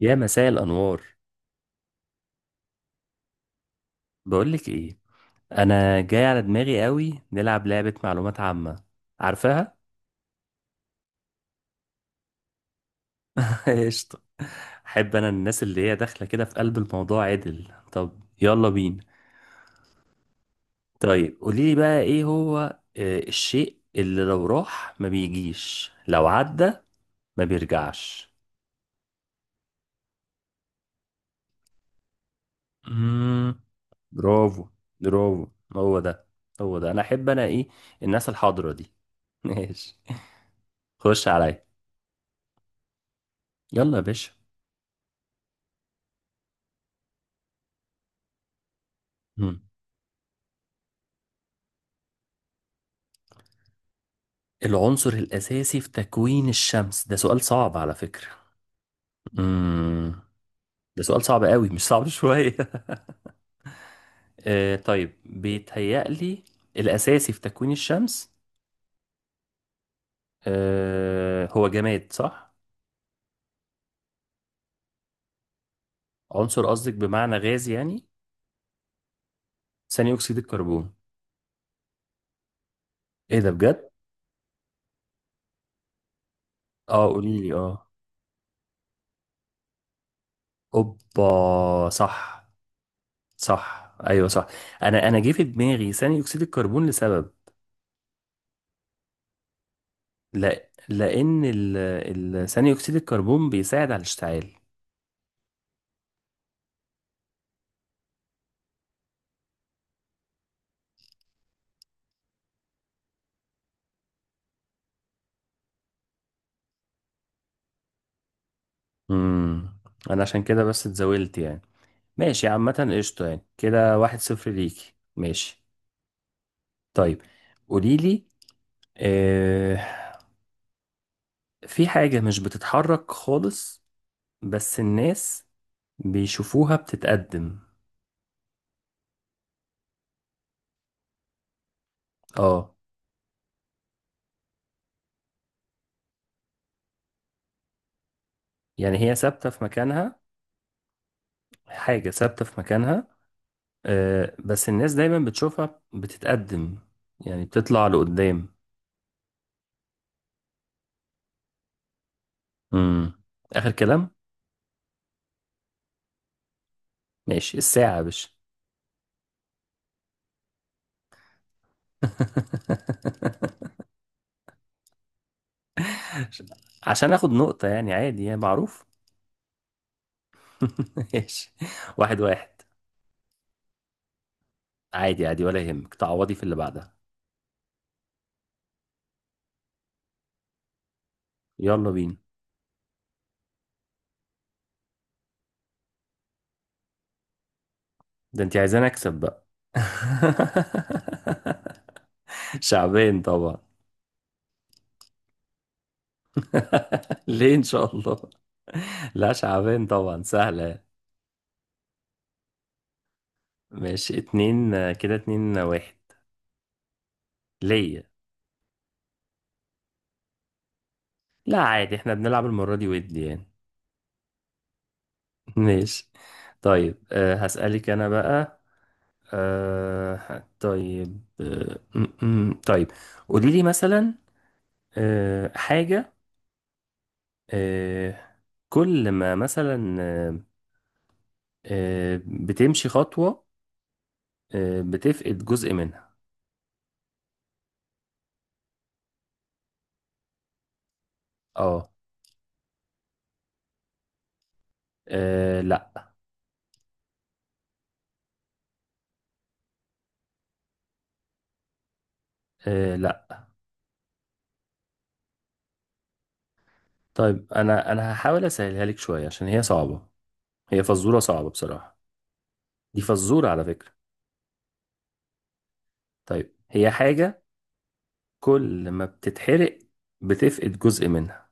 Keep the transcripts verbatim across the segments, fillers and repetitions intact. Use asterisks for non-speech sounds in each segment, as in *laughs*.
يا مساء الأنوار. بقولك إيه، أنا جاي على دماغي قوي نلعب لعبة معلومات عامة. عارفاها؟ *laughs* قشطة. أحب أنا الناس اللي هي داخلة كده في قلب الموضوع عدل. طب يلا بينا. طيب قوليلي بقى إيه هو، آه، الشيء اللي لو راح ما بيجيش لو عدى ما بيرجعش. مم. برافو، برافو، هو ده، هو ده. أنا أحب أنا إيه، الناس الحاضرة دي. *laughs* ماشي. خش عليا. يلا يا باشا. العنصر الأساسي في تكوين الشمس ده سؤال صعب على فكرة. امم ده سؤال صعب قوي، مش صعب شوية. *laughs* آه طيب، بيتهيألي الأساسي في تكوين الشمس. آه هو جماد، صح؟ عنصر، قصدك بمعنى غاز يعني. ثاني أكسيد الكربون. إيه ده بجد؟ اه، قولي لي اه. أوبا صح. صح أيوه صح. أنا أنا جه في دماغي ثاني أكسيد الكربون لسبب. لا، لأن ال- ال- ثاني أكسيد الكربون بيساعد على الاشتعال. امم انا عشان كده بس اتزاولت يعني. ماشي عامة قشطة يعني. كده واحد صفر ليكي. ماشي. طيب قوليلي، آه في حاجة مش بتتحرك خالص، بس الناس بيشوفوها بتتقدم. اه. يعني هي ثابتة في مكانها. حاجة ثابتة في مكانها، آه بس الناس دايما بتشوفها بتتقدم، يعني بتطلع لقدام. امم آخر كلام. ماشي الساعة يا باشا. *laughs* عشان عشان اخد نقطة يعني، عادي، يعني معروف. *laughs* ماشي. واحد واحد. عادي عادي ولا يهمك، تعوضي في اللي بعدها. يلا بينا. ده انت عايزاني اكسب بقى؟ *laughs* شعبين طبعا. *laughs* ليه ان شاء الله؟ لا، شعبين طبعا، سهلة. ماشي اتنين، آه، كده اتنين، آه، واحد. ليا. لا عادي، احنا بنلعب المرة دي ودي يعني. *laughs* ماشي. طيب أه هسألك انا بقى. آه طيب، آه م- م- طيب، قولي لي مثلا، آه حاجة، آه كل ما مثلا، آه آه بتمشي خطوة آه بتفقد جزء منها. اه. آه، لا. آه لا. طيب انا انا هحاول اسهلها لك شوية عشان هي صعبة. هي فزورة صعبة بصراحة. دي فزورة على فكرة. طيب، هي حاجة كل ما بتتحرق بتفقد جزء منها.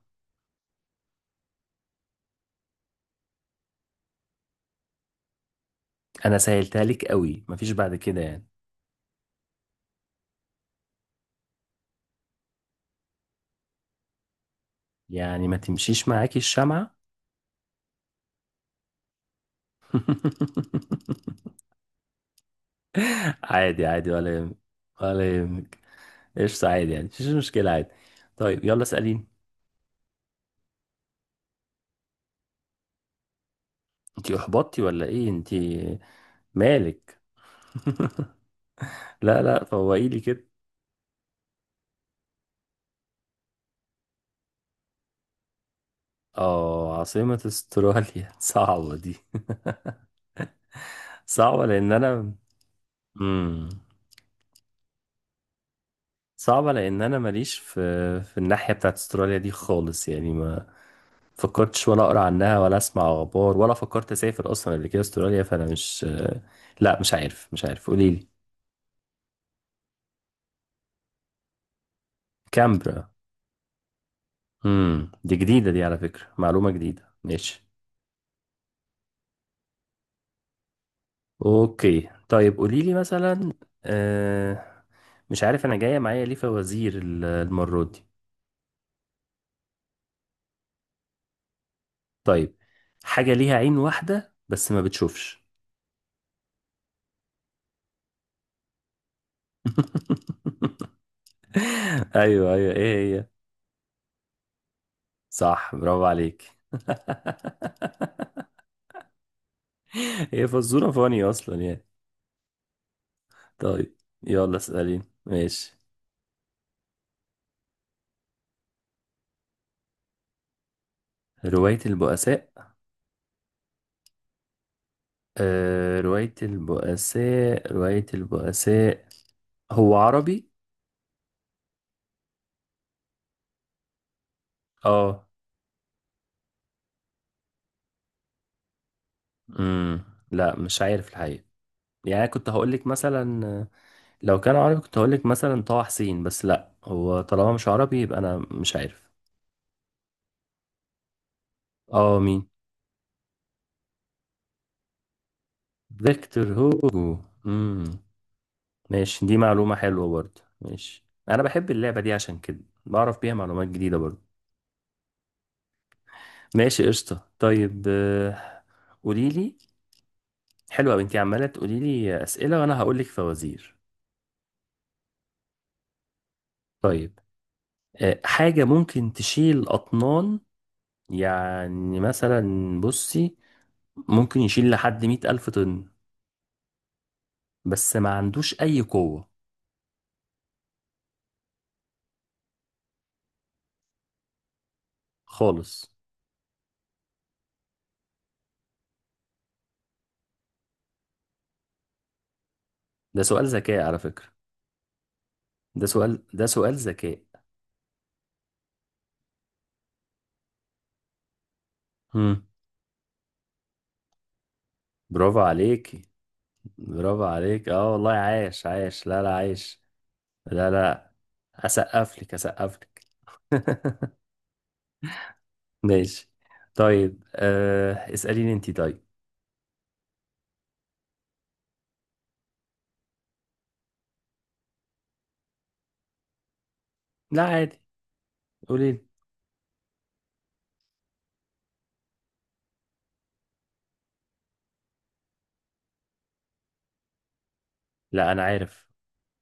انا سهلتها لك قوي، مفيش بعد كده يعني. يعني ما تمشيش معاكي الشمعة. *laughs* عادي عادي ولا يهمك. ولا يهمك. قشطة، عادي يعني، مفيش مشكلة، عادي. طيب يلا اسأليني. انتي احبطتي ولا ايه انتي؟ مالك؟ *laughs* لا لا، فوقيلي كده. اه عاصمة استراليا؟ *laughs* صعبة دي. *laughs* صعبة لان انا، امم صعبة لان انا ماليش في في الناحية بتاعت استراليا دي خالص. يعني ما فكرتش ولا اقرا عنها ولا اسمع اخبار ولا فكرت اسافر اصلا قبل كده استراليا، فانا مش، لا مش عارف. مش عارف، قولي لي. كامبرا. امم دي جديده دي على فكره، معلومه جديده، ماشي. اوكي، طيب قولي لي مثلا، آه... مش عارف انا جايه معايا ليه فوازير ال- المره دي. طيب، حاجه ليها عين واحده بس ما بتشوفش. *laughs* ايوه ايوه، ايه هي؟ صح، برافو عليك. *laughs* هي فزوره فاني اصلا يعني. طيب يلا اسألين ماشي. رواية البؤساء. آه رواية البؤساء، رواية البؤساء. هو عربي؟ اه. امم لا مش عارف الحقيقة. يعني أنا كنت هقولك مثلا، آه، لو كان عربي كنت هقولك مثلا طه حسين، بس لا هو طالما مش عربي يبقى أنا مش عارف. اه مين؟ فيكتور هوجو. امم ماشي. دي معلومة حلوة برضه. ماشي، أنا بحب اللعبة دي عشان كده بعرف بيها معلومات جديدة برضه. ماشي قشطة. طيب آه، قولي لي. حلوة أوي، أنت عمالة تقولي لي أسئلة وأنا هقول لك فوازير. طيب آه، حاجة ممكن تشيل أطنان، يعني مثلا، بصي ممكن يشيل لحد مئة ألف طن، بس ما عندوش أي قوة خالص. ده سؤال ذكاء على فكرة. ده سؤال ده سؤال ذكاء. هم برافو عليك. برافو عليك، اه والله. عايش عايش. لا لا عايش. لا لا، أسقف لك، أسقف لك. *laughs* ماشي. طيب آه، اسأليني أنت. طيب لا عادي، قولي لي. لا انا عارف.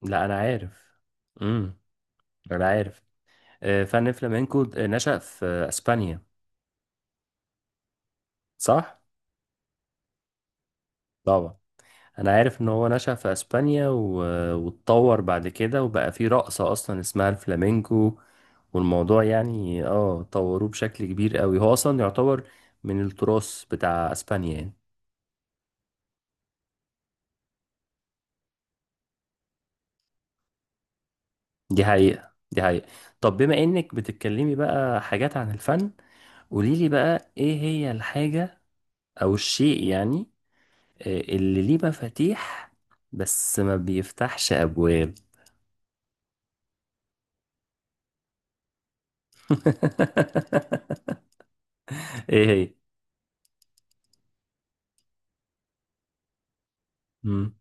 لا انا عارف. امم انا عارف. آه، فن فلامينكو د- نشأ في آه، اسبانيا. صح طبعا. انا عارف ان هو نشأ في اسبانيا و- واتطور بعد كده وبقى في رقصة اصلا اسمها الفلامينكو. والموضوع يعني، اه طوروه بشكل كبير قوي. هو اصلا يعتبر من التراث بتاع اسبانيا يعني. دي حقيقة، دي حقيقة. طب بما انك بتتكلمي بقى حاجات عن الفن، قوليلي بقى ايه هي الحاجة او الشيء يعني، آه، اللي ليه مفاتيح بس ما بيفتحش ابواب. *laughs* ايه هي؟ مم.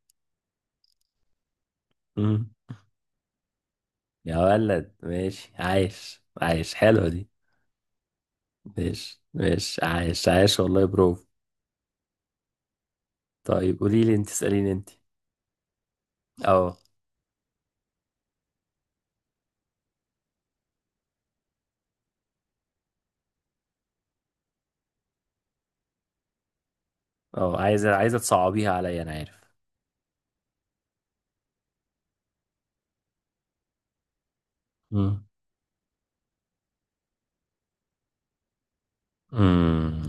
مم. يا ولد، ماشي عايش عايش. حلوة دي. ماشي ماشي، عايش عايش، والله برافو. طيب قولي لي انت، اسأليني انت. اه اه، عايزة عايزة تصعبيها عليا، انا عارف. مم. مم.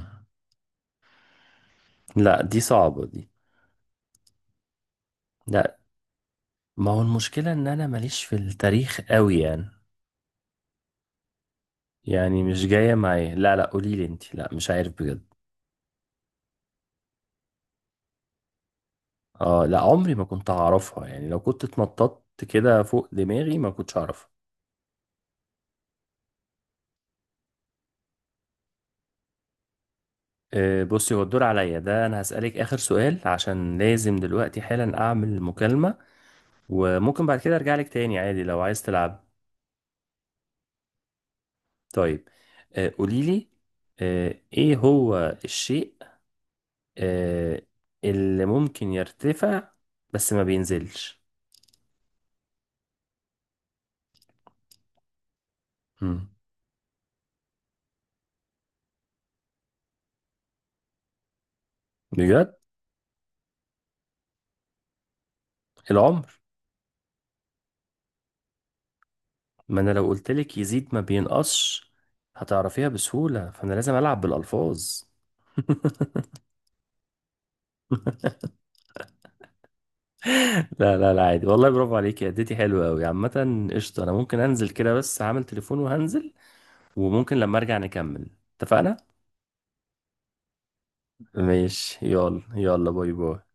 لا، دي صعبة دي. لا. ما هو المشكلة ان انا ماليش في التاريخ قوي يعني يعني مش جاية معايا. لا لا، قولي لي انت. لا مش عارف بجد. اه لا، عمري ما كنت هعرفها، يعني لو كنت اتنططت كده فوق دماغي ما كنتش هعرفها. آه، بصي، هو الدور عليا ده. انا هسألك آخر سؤال عشان لازم دلوقتي حالا اعمل مكالمة. وممكن بعد كده ارجع لك تاني عادي لو عايز تلعب. طيب آه، قولي لي، آه، ايه هو الشيء، آه، اللي ممكن يرتفع بس ما بينزلش. مم. بجد؟ العمر. ما انا لو قلتلك يزيد ما بينقصش، هتعرفيها بسهولة، فانا لازم العب بالالفاظ. *laughs* لا لا لا، عادي والله. برافو عليكي، اديتي حلوة قوي. عامة قشطة، انا ممكن انزل كده بس هعمل تليفون وهنزل. وممكن لما ارجع نكمل، اتفقنا؟ ماشي يلا، يلا باي باي.